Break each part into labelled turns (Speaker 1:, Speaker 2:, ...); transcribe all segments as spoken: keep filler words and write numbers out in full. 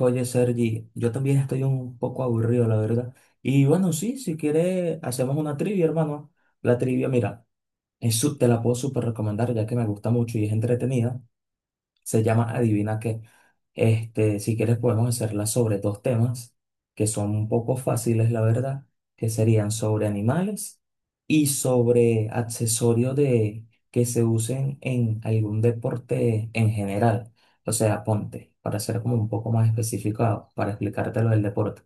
Speaker 1: Oye, Sergi, yo también estoy un poco aburrido, la verdad. Y bueno, sí, si quieres, hacemos una trivia, hermano. La trivia, mira, es su- te la puedo súper recomendar ya que me gusta mucho y es entretenida. Se llama Adivina qué. Este, si quieres podemos hacerla sobre dos temas que son un poco fáciles, la verdad, que serían sobre animales y sobre accesorios de que se usen en algún deporte en general. O sea, ponte, para ser como un poco más especificado, para explicártelo del deporte.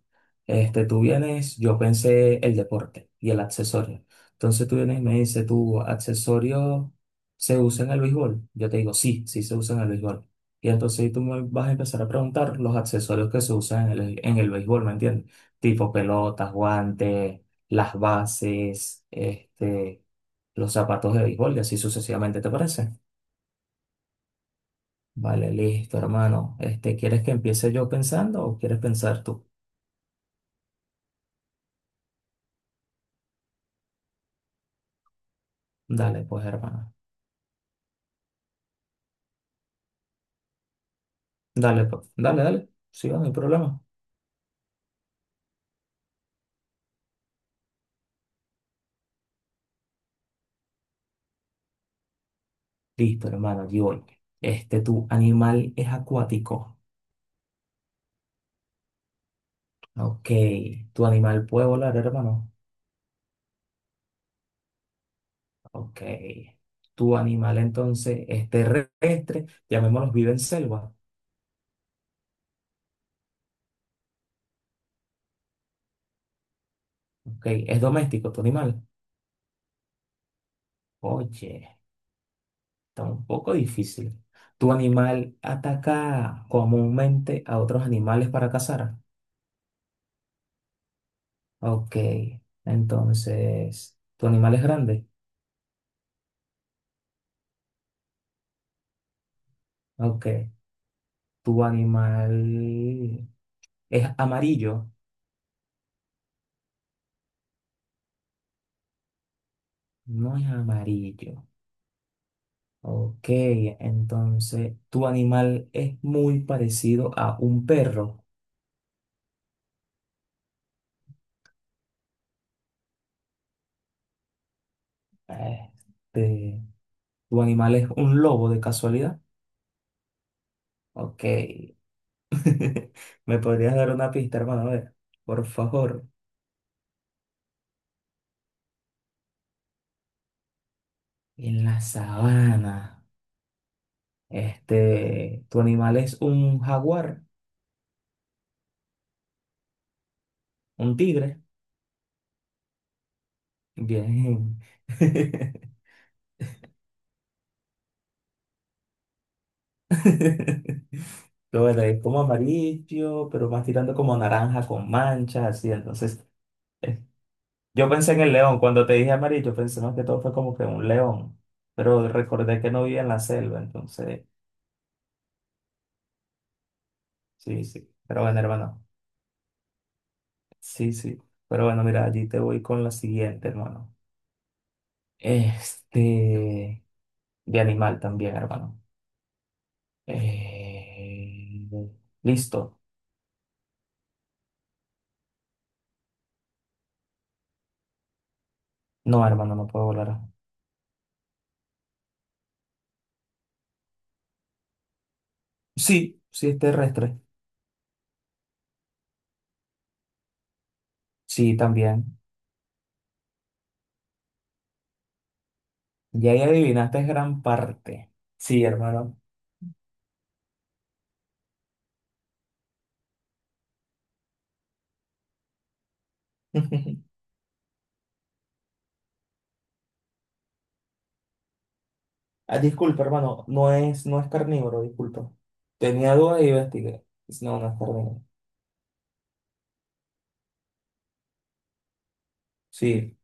Speaker 1: Este, tú vienes, yo pensé el deporte y el accesorio. Entonces tú vienes y me dices, ¿tu accesorio se usa en el béisbol? Yo te digo, sí, sí se usa en el béisbol. Y entonces ahí tú me vas a empezar a preguntar los accesorios que se usan en el, en el béisbol, ¿me entiendes? Tipo pelotas, guantes, las bases, este, los zapatos de béisbol y así sucesivamente, ¿te parece? Vale, listo, hermano. Este, ¿quieres que empiece yo pensando o quieres pensar tú? Dale, pues, hermano. Dale, pues. Dale, dale. Sí, va, no hay problema. Listo, hermano, allí voy. Este, ¿tu animal es acuático? Ok. ¿Tu animal puede volar, hermano? Ok. Tu animal entonces es terrestre, llamémoslo vive en selva. Ok. Es doméstico tu animal. Oye, está un poco difícil. Tu animal ataca comúnmente a otros animales para cazar. Ok. Entonces, tu animal es grande. Ok. Tu animal es amarillo. No es amarillo. Ok. Entonces, tu animal es muy parecido a un perro. Este, ¿tu animal es un lobo de casualidad? Ok. ¿Me podrías dar una pista, hermano? A ver, por favor. En la sabana. Este, ¿tu animal es un jaguar? ¿Un tigre? Bien. Lo bueno, es como amarillo, pero más tirando como naranja con manchas, así. Entonces, eh, yo pensé en el león. Cuando te dije amarillo, pensé más que todo fue como que un león. Pero recordé que no vivía en la selva, entonces. Sí, sí. Pero bueno, hermano. Sí, sí. Pero bueno, mira, allí te voy con la siguiente, hermano. Este, de animal también, hermano. Eh, listo. No, hermano, no puedo volar. Sí, sí es terrestre. Sí, también. Ya ahí adivinaste gran parte. Sí, hermano. Ah, disculpa, hermano. No es, no es carnívoro, disculpa. Tenía dudas y investigué. No, no es carnívoro. Sí.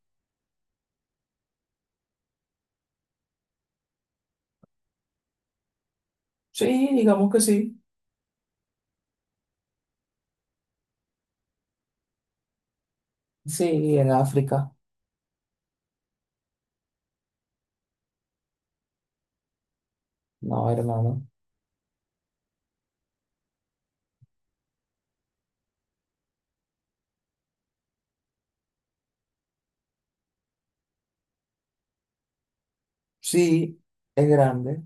Speaker 1: Sí, digamos que sí. Sí, en África. No, hermano. Sí, es grande.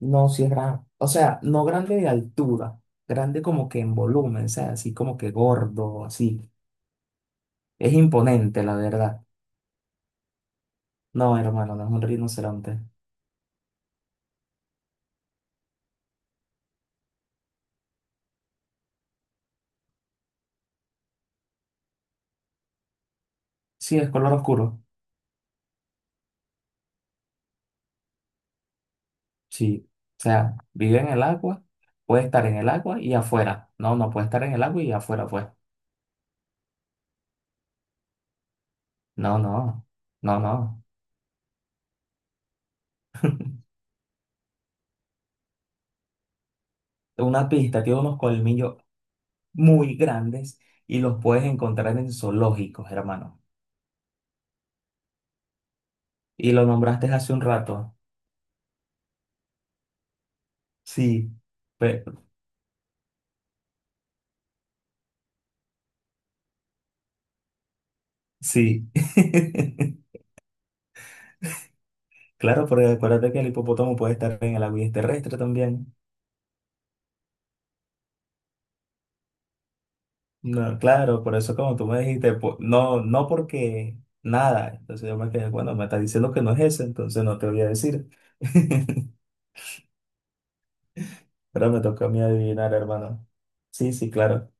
Speaker 1: No, sí es grande. O sea, no grande de altura, grande como que en volumen, o sea, así como que gordo, así. Es imponente, la verdad. No, hermano, no es un rinoceronte. Sí, es color oscuro. Sí. O sea, vive en el agua, puede estar en el agua y afuera. No, no puede estar en el agua y afuera, pues. No, no, no, no. Una pista tiene unos colmillos muy grandes y los puedes encontrar en zoológicos, hermano. Y lo nombraste hace un rato. Sí, pe- sí. Claro, porque acuérdate que el hipopótamo puede estar en el agua y es terrestre también. No, claro, por eso como tú me dijiste, po- no, no porque nada. Entonces yo me quedé, bueno, me está diciendo que no es ese, entonces no te voy a decir. Pero me toca a mí adivinar, hermano. Sí, sí, claro.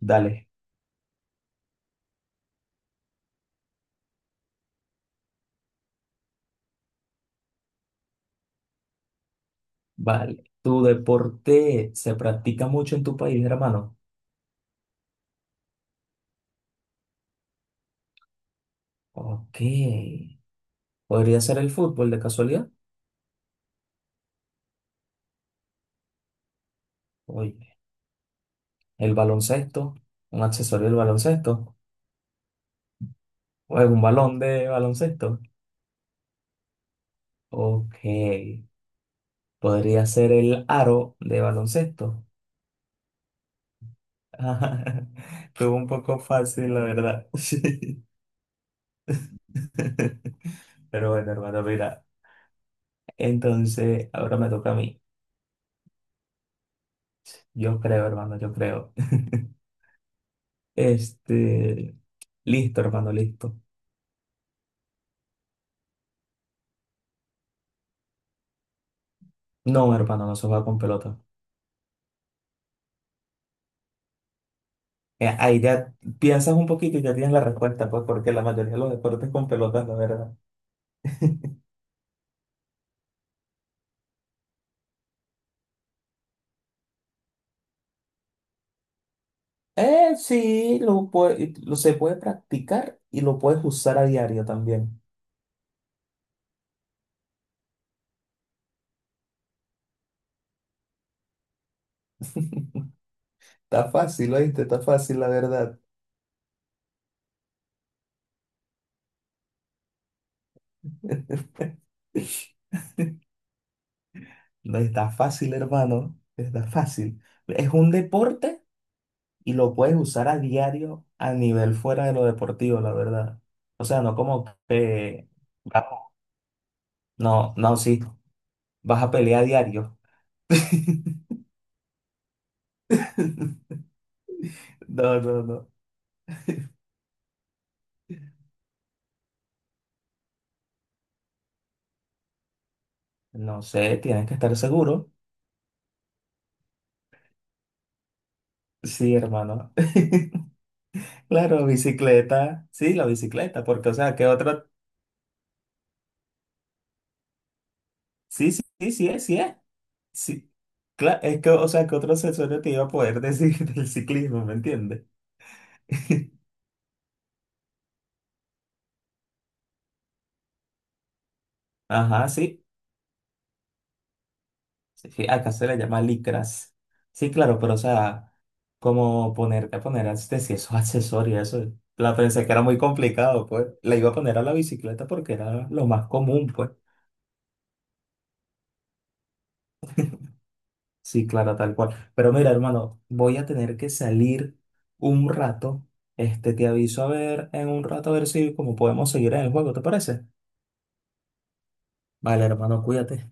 Speaker 1: Dale. Vale. ¿Tu deporte se practica mucho en tu país, hermano? Ok. ¿Podría ser el fútbol de casualidad? Oye, el baloncesto, un accesorio del baloncesto, o un balón de baloncesto. Ok, podría ser el aro de baloncesto. Estuvo un poco fácil, la verdad. Sí. Pero bueno, hermano, mira. Entonces, ahora me toca a mí. Yo creo, hermano, yo creo. Este, listo, hermano, listo. No, hermano, no se juega con pelota. Eh, Ahí ya piensas un poquito y ya tienes la respuesta, pues, porque la mayoría de los deportes con pelotas, la verdad. Eh, sí, lo, puede- lo se puede practicar y lo puedes usar a diario también. Está fácil, ¿oíste? Está fácil, la verdad. No está fácil, hermano. Está fácil. Es un deporte y lo puedes usar a diario a nivel fuera de lo deportivo, la verdad. O sea, no como que... No, no, sí. Vas a pelear a diario. No, no, no. No sé, tienes que estar seguro. Sí, hermano. Claro, bicicleta, sí, la bicicleta, porque, o sea, qué otro, sí, sí, sí, sí, es, sí, es, sí, claro, es que, o sea, qué otro accesorio te iba a poder decir del ciclismo, ¿me entiendes? Ajá, sí, sí, sí, acá se le llama licras, sí, claro, pero, o sea, como ponerte a poner, este, si esos accesorios, eso, la pensé que era muy complicado, pues, la iba a poner a la bicicleta porque era lo más común, pues. Sí, claro, tal cual. Pero mira, hermano, voy a tener que salir un rato. Este, te aviso a ver en un rato a ver si como podemos seguir en el juego, ¿te parece? Vale, hermano, cuídate.